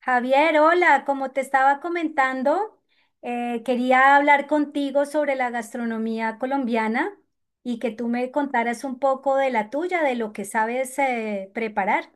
Javier, hola, como te estaba comentando, quería hablar contigo sobre la gastronomía colombiana y que tú me contaras un poco de la tuya, de lo que sabes preparar.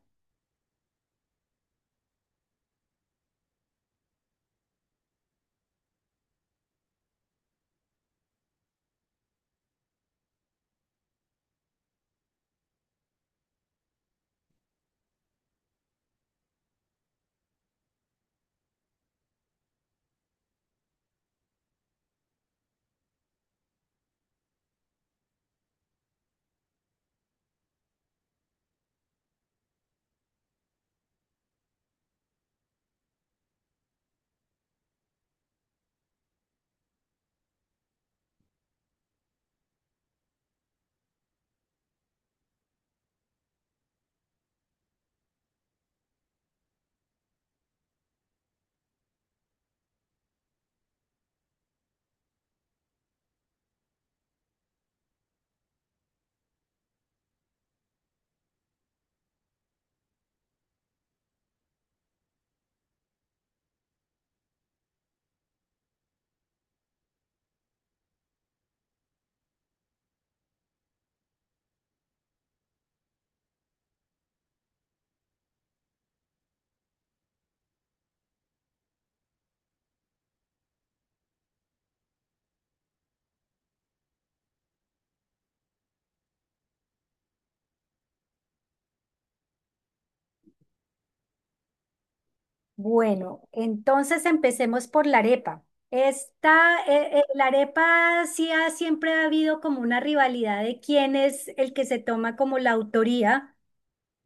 Bueno, entonces empecemos por la arepa. La arepa sí siempre ha habido como una rivalidad de quién es el que se toma como la autoría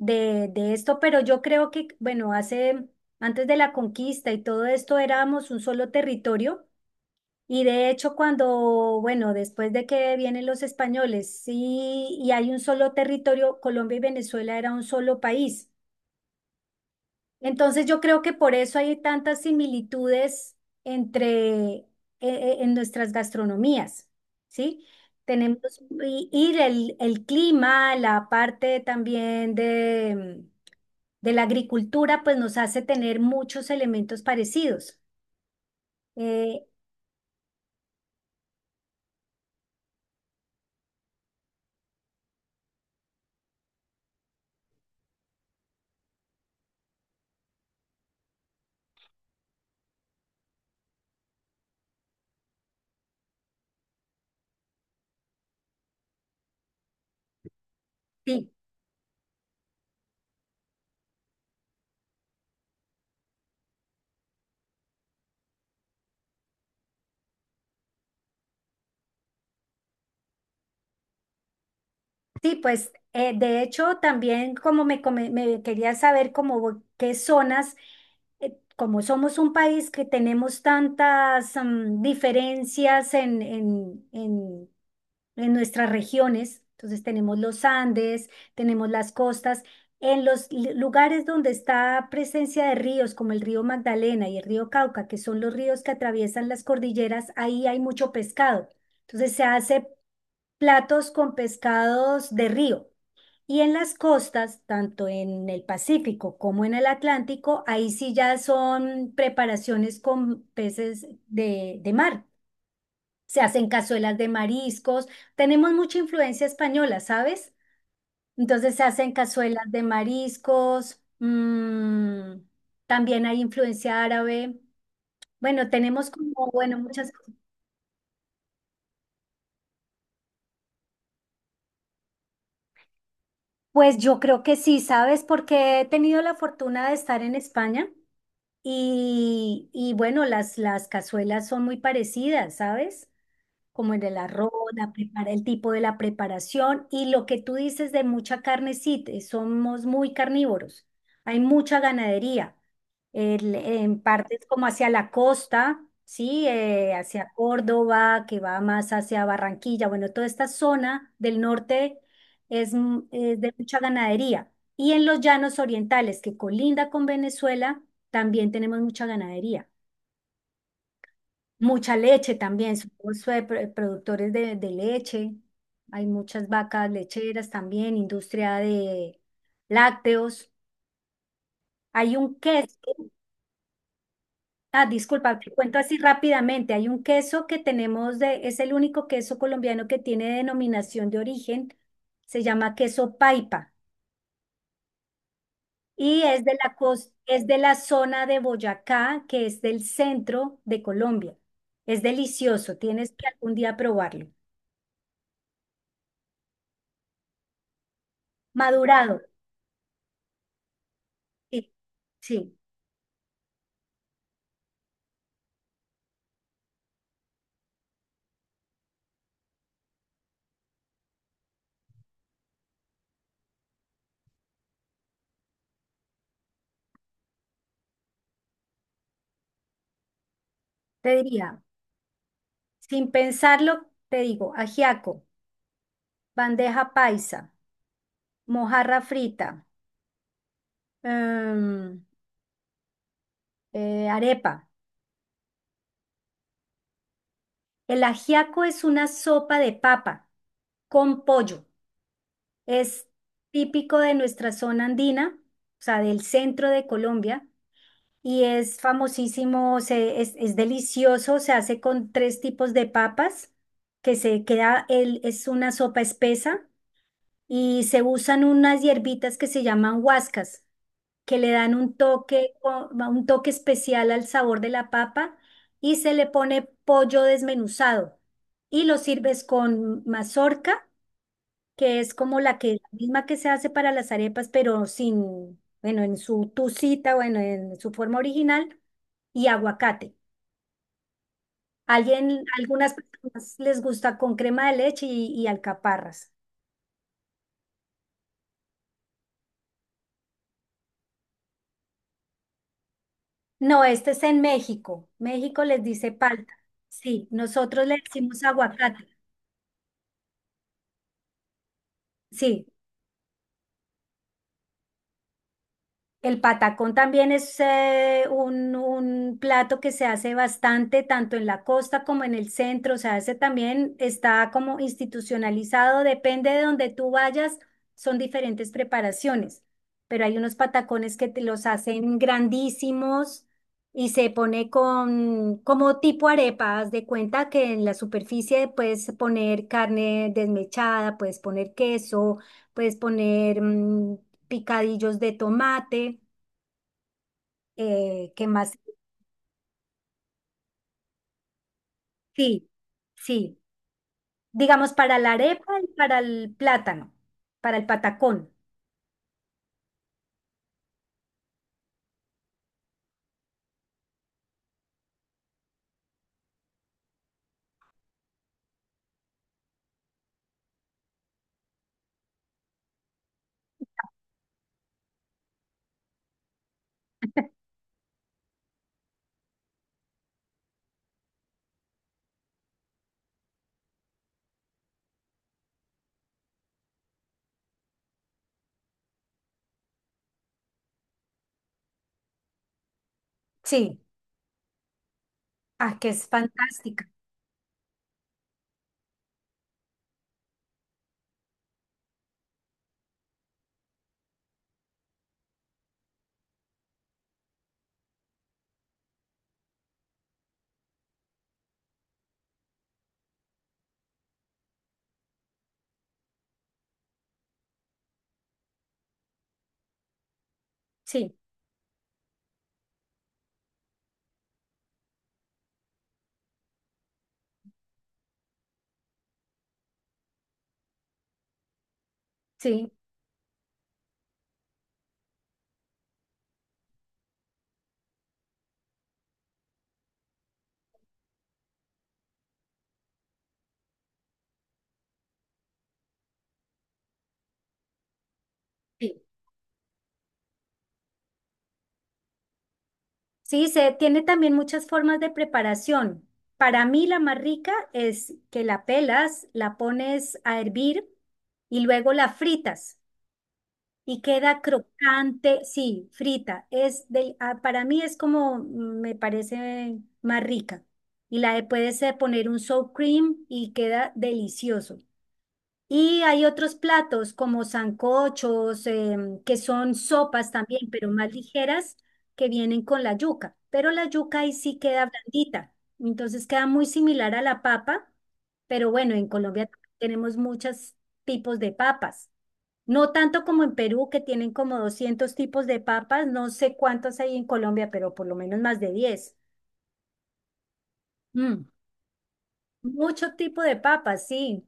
de esto, pero yo creo que, bueno, antes de la conquista y todo esto éramos un solo territorio. Y de hecho, cuando, bueno, después de que vienen los españoles, sí, y hay un solo territorio, Colombia y Venezuela era un solo país. Entonces yo creo que por eso hay tantas similitudes entre, eh, en nuestras gastronomías, ¿sí? Tenemos y el clima, la parte también de la agricultura, pues nos hace tener muchos elementos parecidos. Eh, sí. Sí, pues de hecho también me quería saber como qué zonas, como somos un país que tenemos tantas diferencias en nuestras regiones. Entonces tenemos los Andes, tenemos las costas, en los lugares donde está presencia de ríos como el río Magdalena y el río Cauca, que son los ríos que atraviesan las cordilleras, ahí hay mucho pescado. Entonces se hace platos con pescados de río. Y en las costas, tanto en el Pacífico como en el Atlántico, ahí sí ya son preparaciones con peces de mar. Se hacen cazuelas de mariscos. Tenemos mucha influencia española, ¿sabes? Entonces se hacen cazuelas de mariscos. También hay influencia árabe. Bueno, tenemos como, bueno, muchas cosas. Pues yo creo que sí, ¿sabes? Porque he tenido la fortuna de estar en España. Y bueno, las cazuelas son muy parecidas, ¿sabes? Como en el arroz, el tipo de la preparación y lo que tú dices de mucha carne, sí, somos muy carnívoros. Hay mucha ganadería, en partes como hacia la costa, sí, hacia Córdoba, que va más hacia Barranquilla, bueno, toda esta zona del norte es de mucha ganadería. Y en los llanos orientales, que colinda con Venezuela, también tenemos mucha ganadería. Mucha leche también, somos productores de leche. Hay muchas vacas lecheras también, industria de lácteos. Hay un queso, ah, disculpa, te cuento así rápidamente. Hay un queso que tenemos de, es el único queso colombiano que tiene denominación de origen. Se llama queso Paipa y es de la es de la zona de Boyacá, que es del centro de Colombia. Es delicioso, tienes que algún día probarlo. Madurado, sí, sí, te diría, sin pensarlo, te digo, ajiaco, bandeja paisa, mojarra frita, em, arepa. El ajiaco es una sopa de papa con pollo. Es típico de nuestra zona andina, o sea, del centro de Colombia, y es famosísimo, es delicioso, se hace con tres tipos de papas, que se queda, el, es una sopa espesa y se usan unas hierbitas que se llaman huascas, que le dan un toque, un toque especial al sabor de la papa, y se le pone pollo desmenuzado y lo sirves con mazorca, que es como la que, la misma que se hace para las arepas, pero sin, bueno, en su tucita, bueno, en su forma original, y aguacate. Alguien, algunas personas les gusta con crema de leche y alcaparras. No, este es en México. México les dice palta. Sí, nosotros le decimos aguacate. Sí, el patacón también es un plato que se hace bastante, tanto en la costa como en el centro. O sea, ese también está como institucionalizado, depende de donde tú vayas, son diferentes preparaciones. Pero hay unos patacones que te los hacen grandísimos y se pone con como tipo arepa. Haz de cuenta que en la superficie puedes poner carne desmechada, puedes poner queso, puedes poner picadillos de tomate, ¿qué más? Sí, sí, digamos para la arepa y para el plátano, para el patacón. Sí, ah, que es fantástica. Sí, sí, sí. Sí, se tiene también muchas formas de preparación. Para mí la más rica es que la pelas, la pones a hervir y luego la fritas. Y queda crocante, sí, frita. Ah, para mí es como me parece más rica. Y puedes poner un sour cream y queda delicioso. Y hay otros platos como sancochos, que son sopas también, pero más ligeras, que vienen con la yuca. Pero la yuca ahí sí queda blandita. Entonces queda muy similar a la papa, pero bueno, en Colombia tenemos muchos tipos de papas. No tanto como en Perú, que tienen como 200 tipos de papas. No sé cuántos hay en Colombia, pero por lo menos más de 10. Mm, mucho tipo de papas, sí.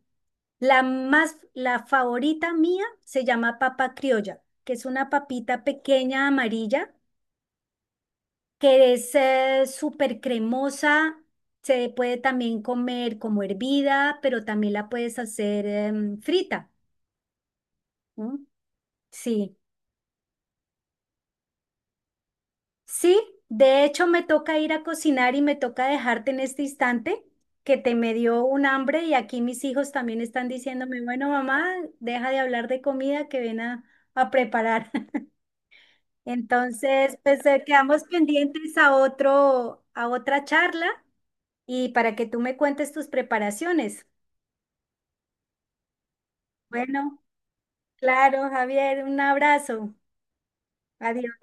La favorita mía se llama papa criolla, que es una papita pequeña amarilla, que es súper cremosa. Se puede también comer como hervida, pero también la puedes hacer frita. ¿Mm? Sí, sí. De hecho, me toca ir a cocinar y me toca dejarte en este instante, que te me dio un hambre y aquí mis hijos también están diciéndome, bueno, mamá, deja de hablar de comida que ven a preparar. Entonces, pues quedamos pendientes a a otra charla y para que tú me cuentes tus preparaciones. Bueno, claro, Javier, un abrazo. Adiós.